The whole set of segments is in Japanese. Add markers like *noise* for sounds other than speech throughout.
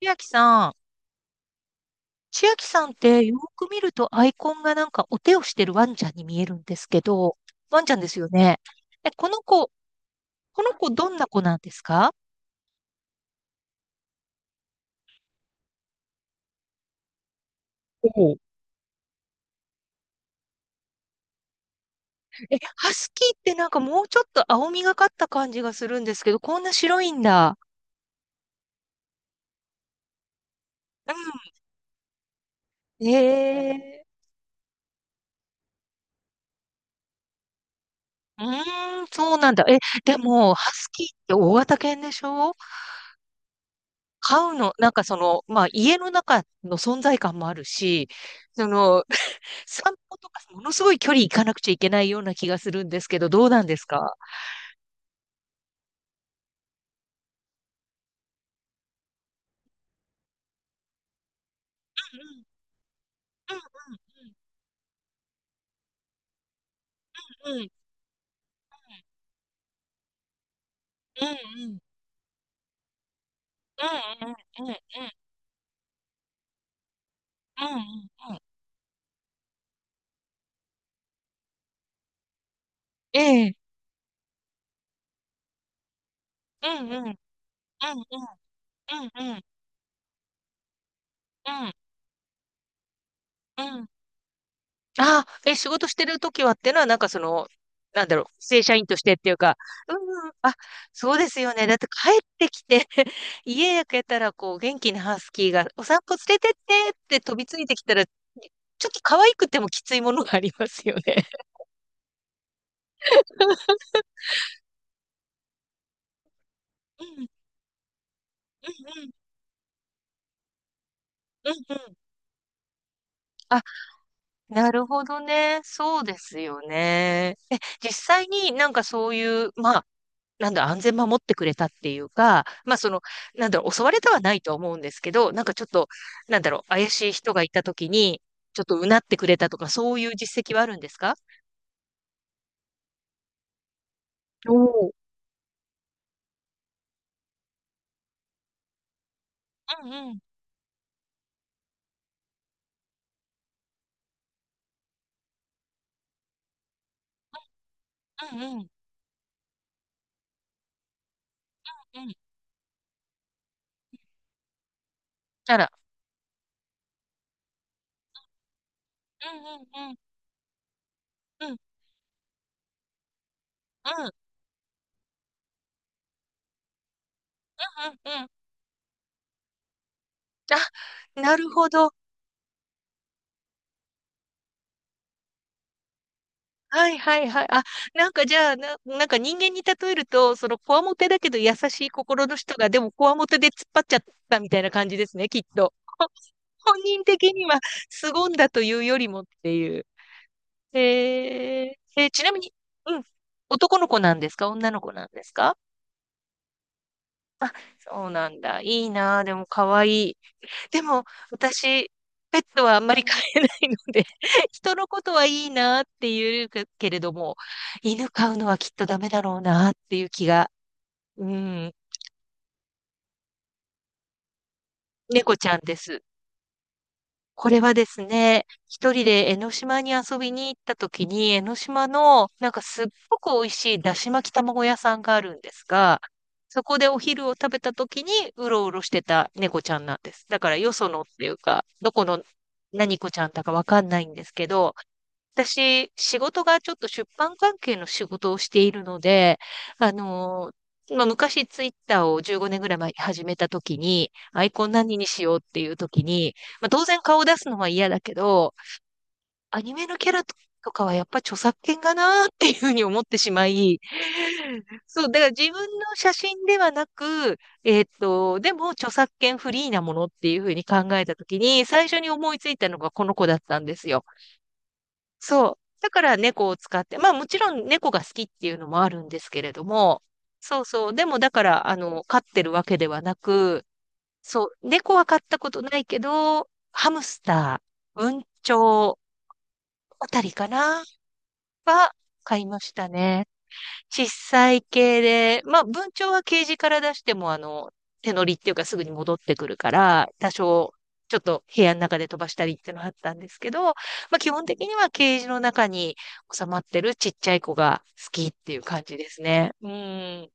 千秋さん、千秋さんってよく見るとアイコンがなんかお手をしてるワンちゃんに見えるんですけど、ワンちゃんですよね。え、この子どんな子なんですか？おう。え、ハスキーってなんかもうちょっと青みがかった感じがするんですけど、こんな白いんだ。うん。ー、うそうなんだ。え、でも、ハスキーって大型犬でしょ？飼うの、なんかその、まあ家の中の存在感もあるし、その、散歩とかものすごい距離行かなくちゃいけないような気がするんですけど、どうなんですか？うん、うん、うん、うん、うん、うん、うん、うん、うん、うん、うん、うん、うん、うん、うん、ええ、うん、うん、うん、うん、うん、うん、うん、うん。ああ、え、仕事してる時はってのは、なんかその、なんだろう、正社員としてっていうか。うん、うん。あ、そうですよね。だって帰ってきて *laughs* 家焼けたら、こう、元気なハスキーが、お散歩連れてってって飛びついてきたら、ちょっと可愛くてもきついものがありますよね。うん、うん、うん、うん、うん。あ、なるほどね。そうですよね。え、実際になんかそういう、ま、なんだ安全守ってくれたっていうか、まあその、なんだろう、襲われたはないと思うんですけど、なんかちょっと、なんだろう、怪しい人がいたときに、ちょっとうなってくれたとか、そういう実績はあるんですか？おおー。うん、うん、うん、うん、うん。あら。うん、うん、うん、うん、うん、うん、うん。あ、なるほど。はい、はい、はい。あ、なんかじゃあ、なんか人間に例えると、そのこわもてだけど優しい心の人が、でもこわもてで突っ張っちゃったみたいな感じですね、きっと。本人的には凄んだというよりもっていう。へえ。え、ちなみに、うん、男の子なんですか？女の子なんですか？そうなんだ。いいなあ、でも可愛い。でも、私、ペットはあんまり飼えないので、*laughs* 人のことはいいなあっていうけれども、犬飼うのはきっとダメだろうなあっていう気が。うん。猫ちゃんです。これはですね、一人で江ノ島に遊びに行った時に、江ノ島のなんかすっごく美味しいだし巻き卵屋さんがあるんですが、そこでお昼を食べた時にうろうろしてた猫ちゃんなんです。だからよそのっていうか、どこの何子ちゃんだかわかんないんですけど、私、仕事がちょっと出版関係の仕事をしているので、あのまあ、昔ツイッターを15年ぐらい前に始めた時に、アイコン何にしようっていう時に、まあ、当然顔を出すのは嫌だけど、アニメのキャラとかはやっぱ著作権がなーっていうふうに思ってしまい、そう、だから自分の写真ではなく、でも著作権フリーなものっていうふうに考えた時に、最初に思いついたのがこの子だったんですよ。そう。だから猫を使って、まあもちろん猫が好きっていうのもあるんですけれども、そうそう。でもだから、飼ってるわけではなく、そう、猫は飼ったことないけど、ハムスター、文鳥あたりかなは飼いましたね。小さい系で、まあ、文鳥はケージから出しても、手乗りっていうかすぐに戻ってくるから、多少、ちょっと部屋の中で飛ばしたりっていうのはあったんですけど、まあ、基本的にはケージの中に収まってるちっちゃい子が好きっていう感じですね。うん。い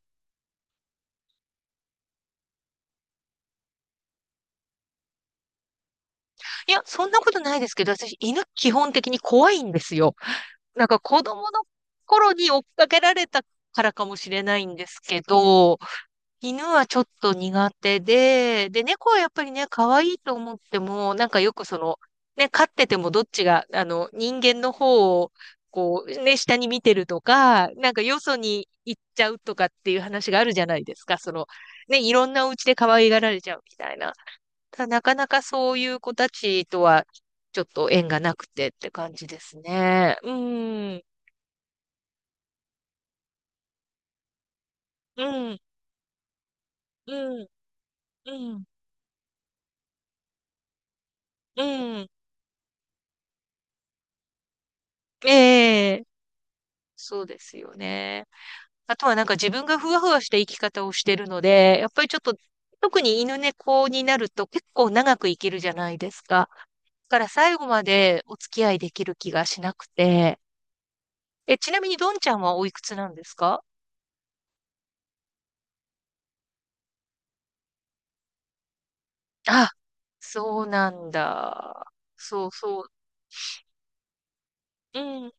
や、そんなことないですけど、私、犬基本的に怖いんですよ。なんか子供の頃に追っかけられたからかもしれないんですけど、犬はちょっと苦手で、で、猫はやっぱりね、可愛いと思っても、なんかよくその、ね、飼っててもどっちが、人間の方を、こう、ね、下に見てるとか、なんかよそに行っちゃうとかっていう話があるじゃないですか。その、ね、いろんなお家で可愛がられちゃうみたいな。ただ、なかなかそういう子たちとは、ちょっと縁がなくてって感じですね。うん、うん、うん、うん、うん。ええ、そうですよね。あとはなんか自分がふわふわした生き方をしてるので、やっぱりちょっと、特に犬猫になると結構長く生きるじゃないですか。だから最後までお付き合いできる気がしなくて。え、ちなみにドンちゃんはおいくつなんですか？あ、そうなんだ。そうそう。うん、うん、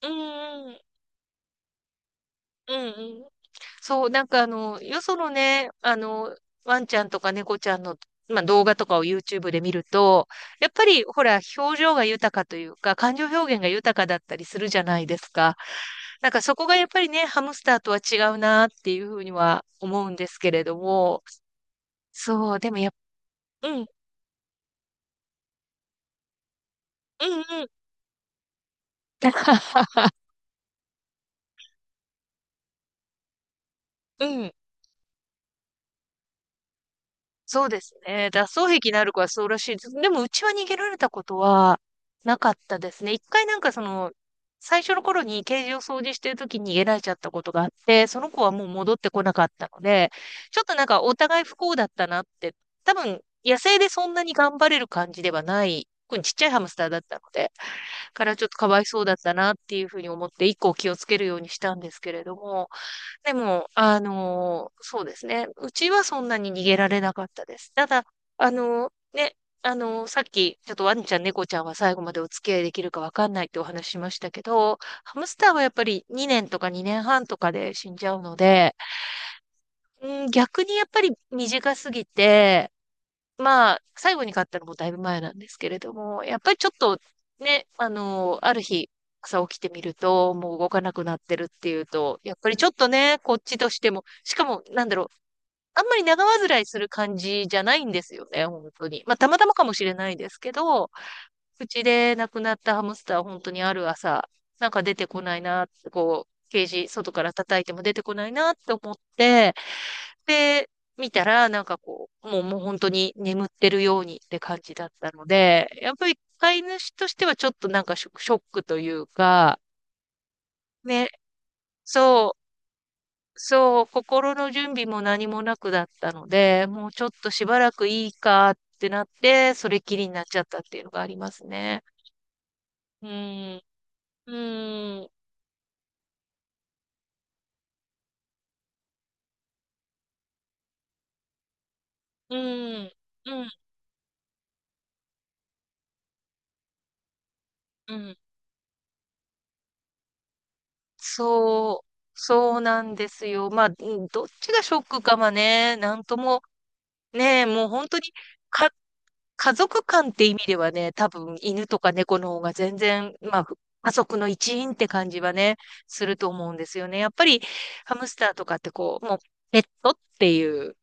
うん、うん、うん。そう、なんかよそのね、ワンちゃんとか猫ちゃんの、まあ、動画とかを YouTube で見ると、やっぱりほら、表情が豊かというか、感情表現が豊かだったりするじゃないですか。なんかそこがやっぱりね、ハムスターとは違うなっていうふうには思うんですけれども、そう、でもやっ、ぱうん、うん、うん。*laughs* うん。そうですね。脱走癖のある子はそうらしいです。でも、うちは逃げられたことはなかったですね。一回なんかその、最初の頃にケージを掃除してる時に逃げられちゃったことがあって、その子はもう戻ってこなかったので、ちょっとなんかお互い不幸だったなって、多分、野生でそんなに頑張れる感じではない、特にちっちゃいハムスターだったので、からちょっとかわいそうだったなっていうふうに思って、以降気をつけるようにしたんですけれども、でも、そうですね。うちはそんなに逃げられなかったです。ただ、あのね、さっき、ちょっとワンちゃん、猫ちゃんは最後までお付き合いできるかわかんないってお話ししましたけど、ハムスターはやっぱり2年とか2年半とかで死んじゃうので、うん、逆にやっぱり短すぎて、まあ、最後に買ったのもだいぶ前なんですけれども、やっぱりちょっとね、ある日、朝起きてみると、もう動かなくなってるっていうと、やっぱりちょっとね、こっちとしても、しかも、なんだろう、あんまり長患いする感じじゃないんですよね、本当に。まあ、たまたまかもしれないですけど、うちで亡くなったハムスター、本当にある朝、なんか出てこないな、こう、ケージ、外から叩いても出てこないなって思って、ってみたら、なんかこう、もう本当に眠ってるようにって感じだったので、やっぱり飼い主としてはちょっとなんかショックというか、ね、そう、そう、心の準備も何もなくだったので、もうちょっとしばらくいいかってなって、それっきりになっちゃったっていうのがありますね。うん、うん、うん、うん、うん。そう、そうなんですよ。まあ、うん、どっちがショックかはね、なんともねえ、もう本当に、か、家族間って意味ではね、多分犬とか猫の方が全然、まあ、家族の一員って感じはね、すると思うんですよね。やっぱり、ハムスターとかってこう、もう、ペットっていう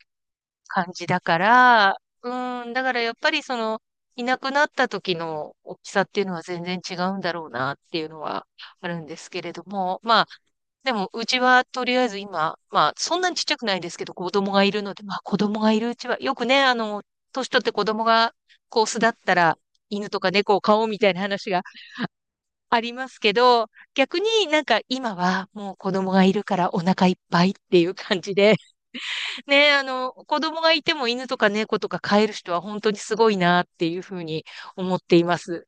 感じだから、うん、だからやっぱりその、いなくなった時の大きさっていうのは全然違うんだろうなっていうのはあるんですけれども、まあ、でも、うちはとりあえず今、まあ、そんなにちっちゃくないですけど、子供がいるので、まあ、子供がいるうちは、よくね、年取って子供が、こう、巣立ったら、犬とか猫を飼おうみたいな話がありますけど、逆になんか今はもう子供がいるからお腹いっぱいっていう感じで、*laughs* ね、子供がいても犬とか猫とか飼える人は本当にすごいなっていうふうに思っています。